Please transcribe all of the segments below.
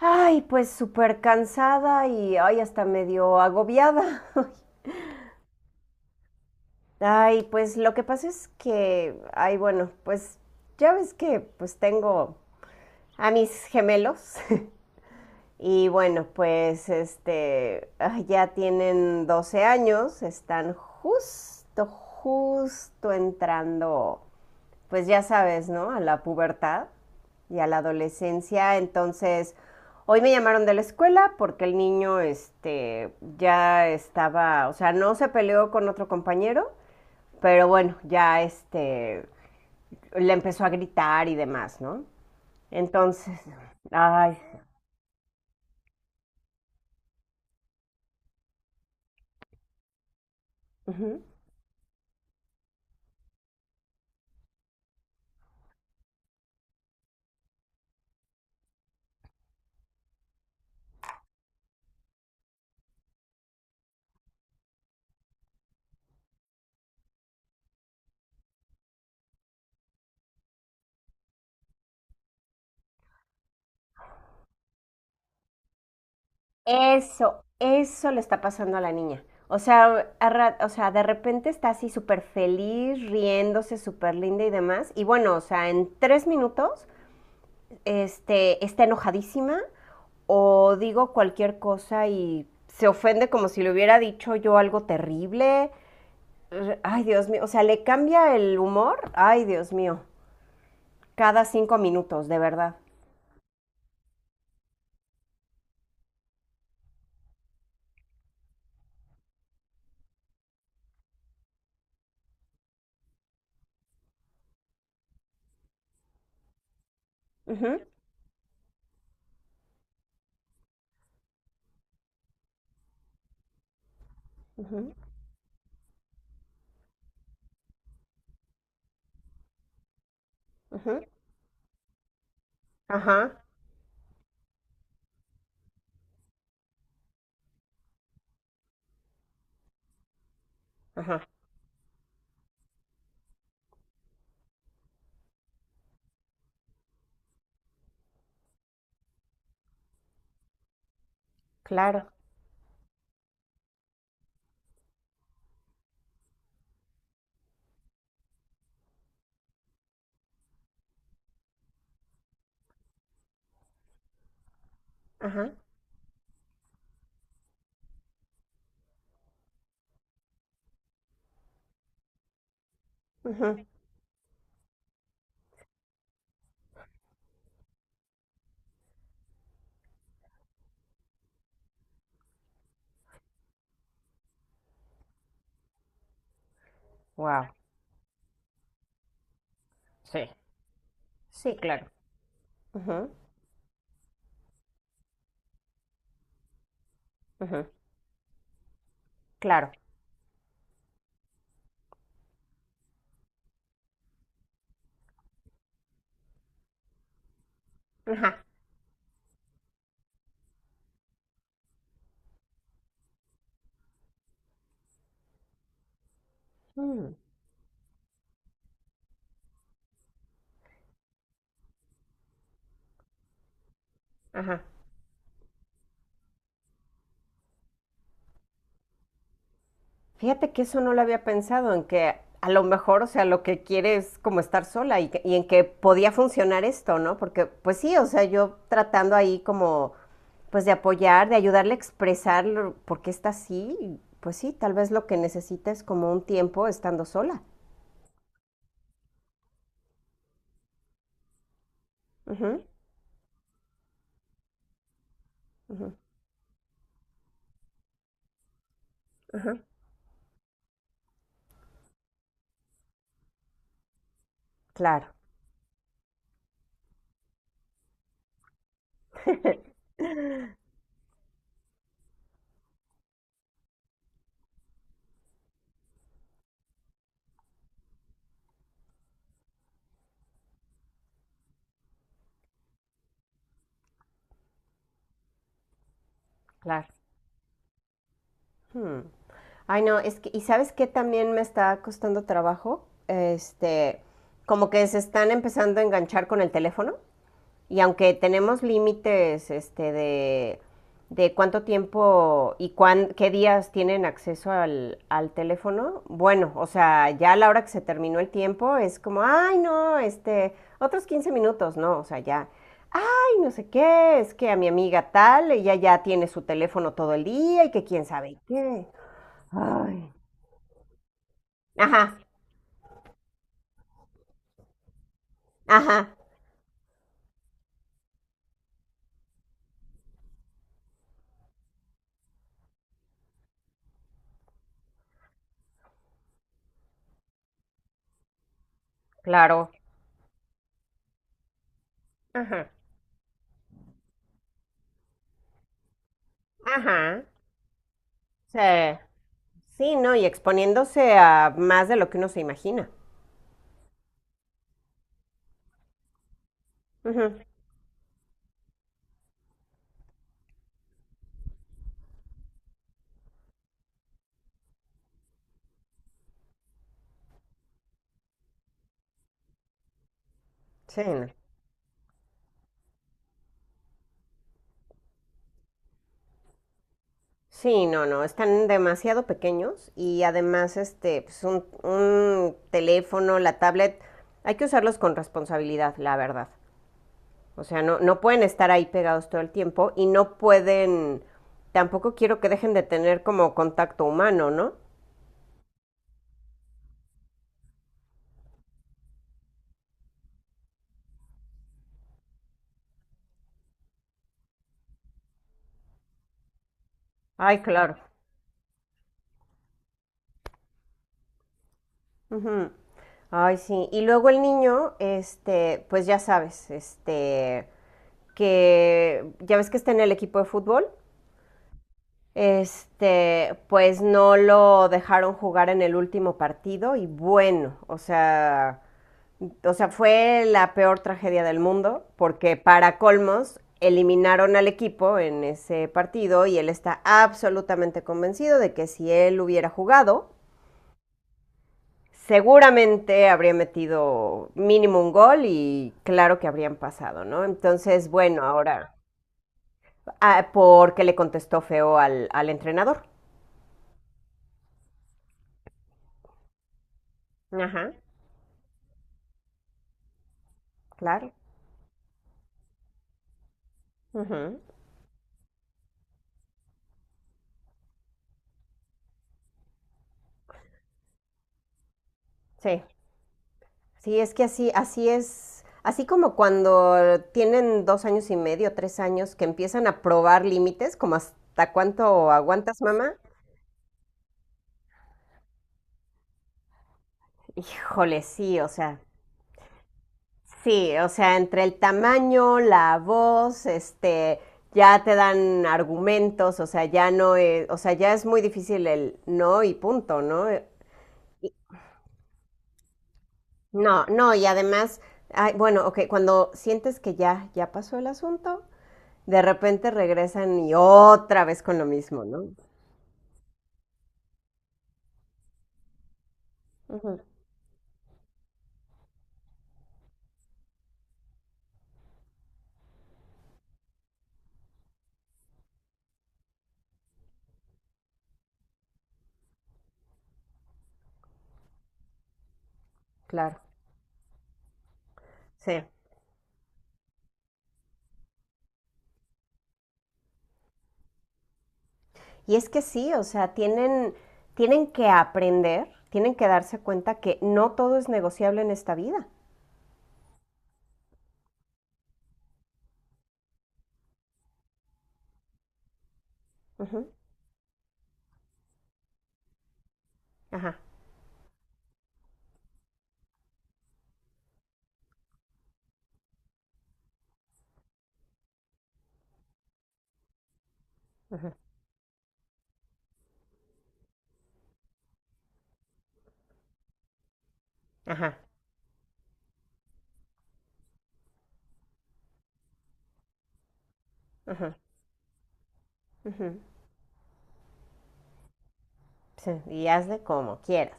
Ay, pues súper cansada y ay, hasta medio agobiada. Ay, pues lo que pasa es que, ay, bueno, pues ya ves que pues tengo a mis gemelos y bueno, pues este, ay, ya tienen 12 años, están justo, justo entrando pues ya sabes, ¿no? A la pubertad y a la adolescencia. Entonces, hoy me llamaron de la escuela porque el niño este, ya estaba, o sea, no se peleó con otro compañero, pero bueno, ya este, le empezó a gritar y demás, ¿no? Entonces, ay, ujú. Eso le está pasando a la niña. O sea, o sea, de repente está así súper feliz, riéndose, súper linda y demás. Y bueno, o sea, en 3 minutos este, está enojadísima o digo cualquier cosa y se ofende como si le hubiera dicho yo algo terrible. Ay, Dios mío, o sea, le cambia el humor. Ay, Dios mío, cada 5 minutos, de verdad. Ujú, ujú, ujú. Ajá, ajá, claro. Ajá, ujú. Wow, sí, sí, claro. Ujú, ujú, claro. Ajá, mm, ajá. Fíjate que eso no lo había pensado, en que a lo mejor, o sea, lo que quiere es como estar sola y, y en que podía funcionar esto, ¿no? Porque, pues sí, o sea, yo tratando ahí como, pues de apoyar, de ayudarle a expresar por qué está así, y, pues sí, tal vez lo que necesita es como un tiempo estando sola. Ujú, ujú. Claro, claro. Hmm. Ay, no, es que, ¿y sabes qué también me está costando trabajo? Este, como que se están empezando a enganchar con el teléfono. Y aunque tenemos límites este, de cuánto tiempo y qué días tienen acceso al teléfono, bueno, o sea, ya a la hora que se terminó el tiempo es como, ay, no, este, otros 15 minutos, no, o sea, ya, ay, no sé qué, es que a mi amiga tal, ella ya tiene su teléfono todo el día y que quién sabe qué. Ay. Ajá, ajá, claro. Ajá, ajá, sí. Sí, no, y exponiéndose a más de lo que uno se imagina. Ujú. Sí, no. Sí, no, no, están demasiado pequeños y además este, pues un teléfono, la tablet, hay que usarlos con responsabilidad, la verdad. O sea, no, no pueden estar ahí pegados todo el tiempo y no pueden, tampoco quiero que dejen de tener como contacto humano, ¿no? Ay, claro. Ujú. Ay, sí. Y luego el niño, este, pues ya sabes, este, que ya ves que está en el equipo de fútbol, este, pues no lo dejaron jugar en el último partido y bueno, o sea, fue la peor tragedia del mundo porque para colmos eliminaron al equipo en ese partido y él está absolutamente convencido de que si él hubiera jugado, seguramente habría metido mínimo un gol y claro que habrían pasado, ¿no? Entonces, bueno, ahora. Ah, porque le contestó feo al entrenador. Ajá, claro. Ujú, sí, sí, es que así, así es, así como cuando tienen 2 años y medio, 3 años, que empiezan a probar límites, como hasta cuánto aguantas, mamá. Híjole, sí, o sea, entre el tamaño, la voz, este, ya te dan argumentos, o sea, ya no es, o sea, ya es muy difícil el no y punto, ¿no? No, no, y además, ay, bueno, ok, cuando sientes que ya, ya pasó el asunto, de repente regresan y otra vez con lo mismo, ¿no? Ujú, claro. Sí. Y es que sí, o sea, tienen que aprender, tienen que darse cuenta que no todo es negociable en esta vida. Ujú, ajá, ujú, ajá, ajá, ujú. Sí, y hazle como quieras.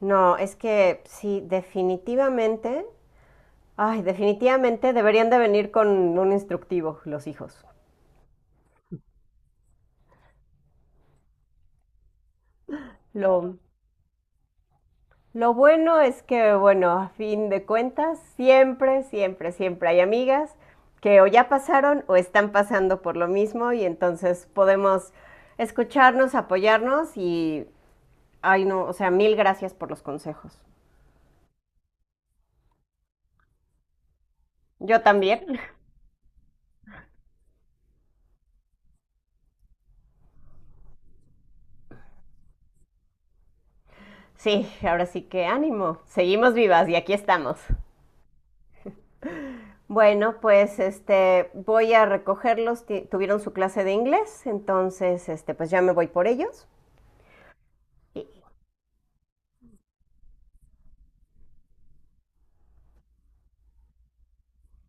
No, es que sí, definitivamente. Ay, definitivamente deberían de venir con un instructivo los hijos. Lo, lo bueno es que, bueno, a fin de cuentas, siempre, siempre, siempre hay amigas que o ya pasaron o están pasando por lo mismo y entonces podemos escucharnos, apoyarnos y, ay no, o sea, mil gracias por los consejos. Yo también. Sí, ahora sí que ánimo. Seguimos vivas y aquí estamos. Bueno, pues este, voy a recogerlos. Tuvieron su clase de inglés, entonces este, pues ya me voy por ellos. Y-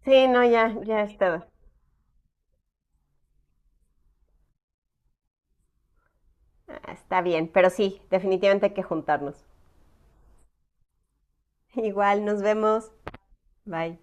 Sí, no, ya, ya está. Ah, está bien, pero sí, definitivamente hay que juntarnos. Igual, nos vemos. Bye.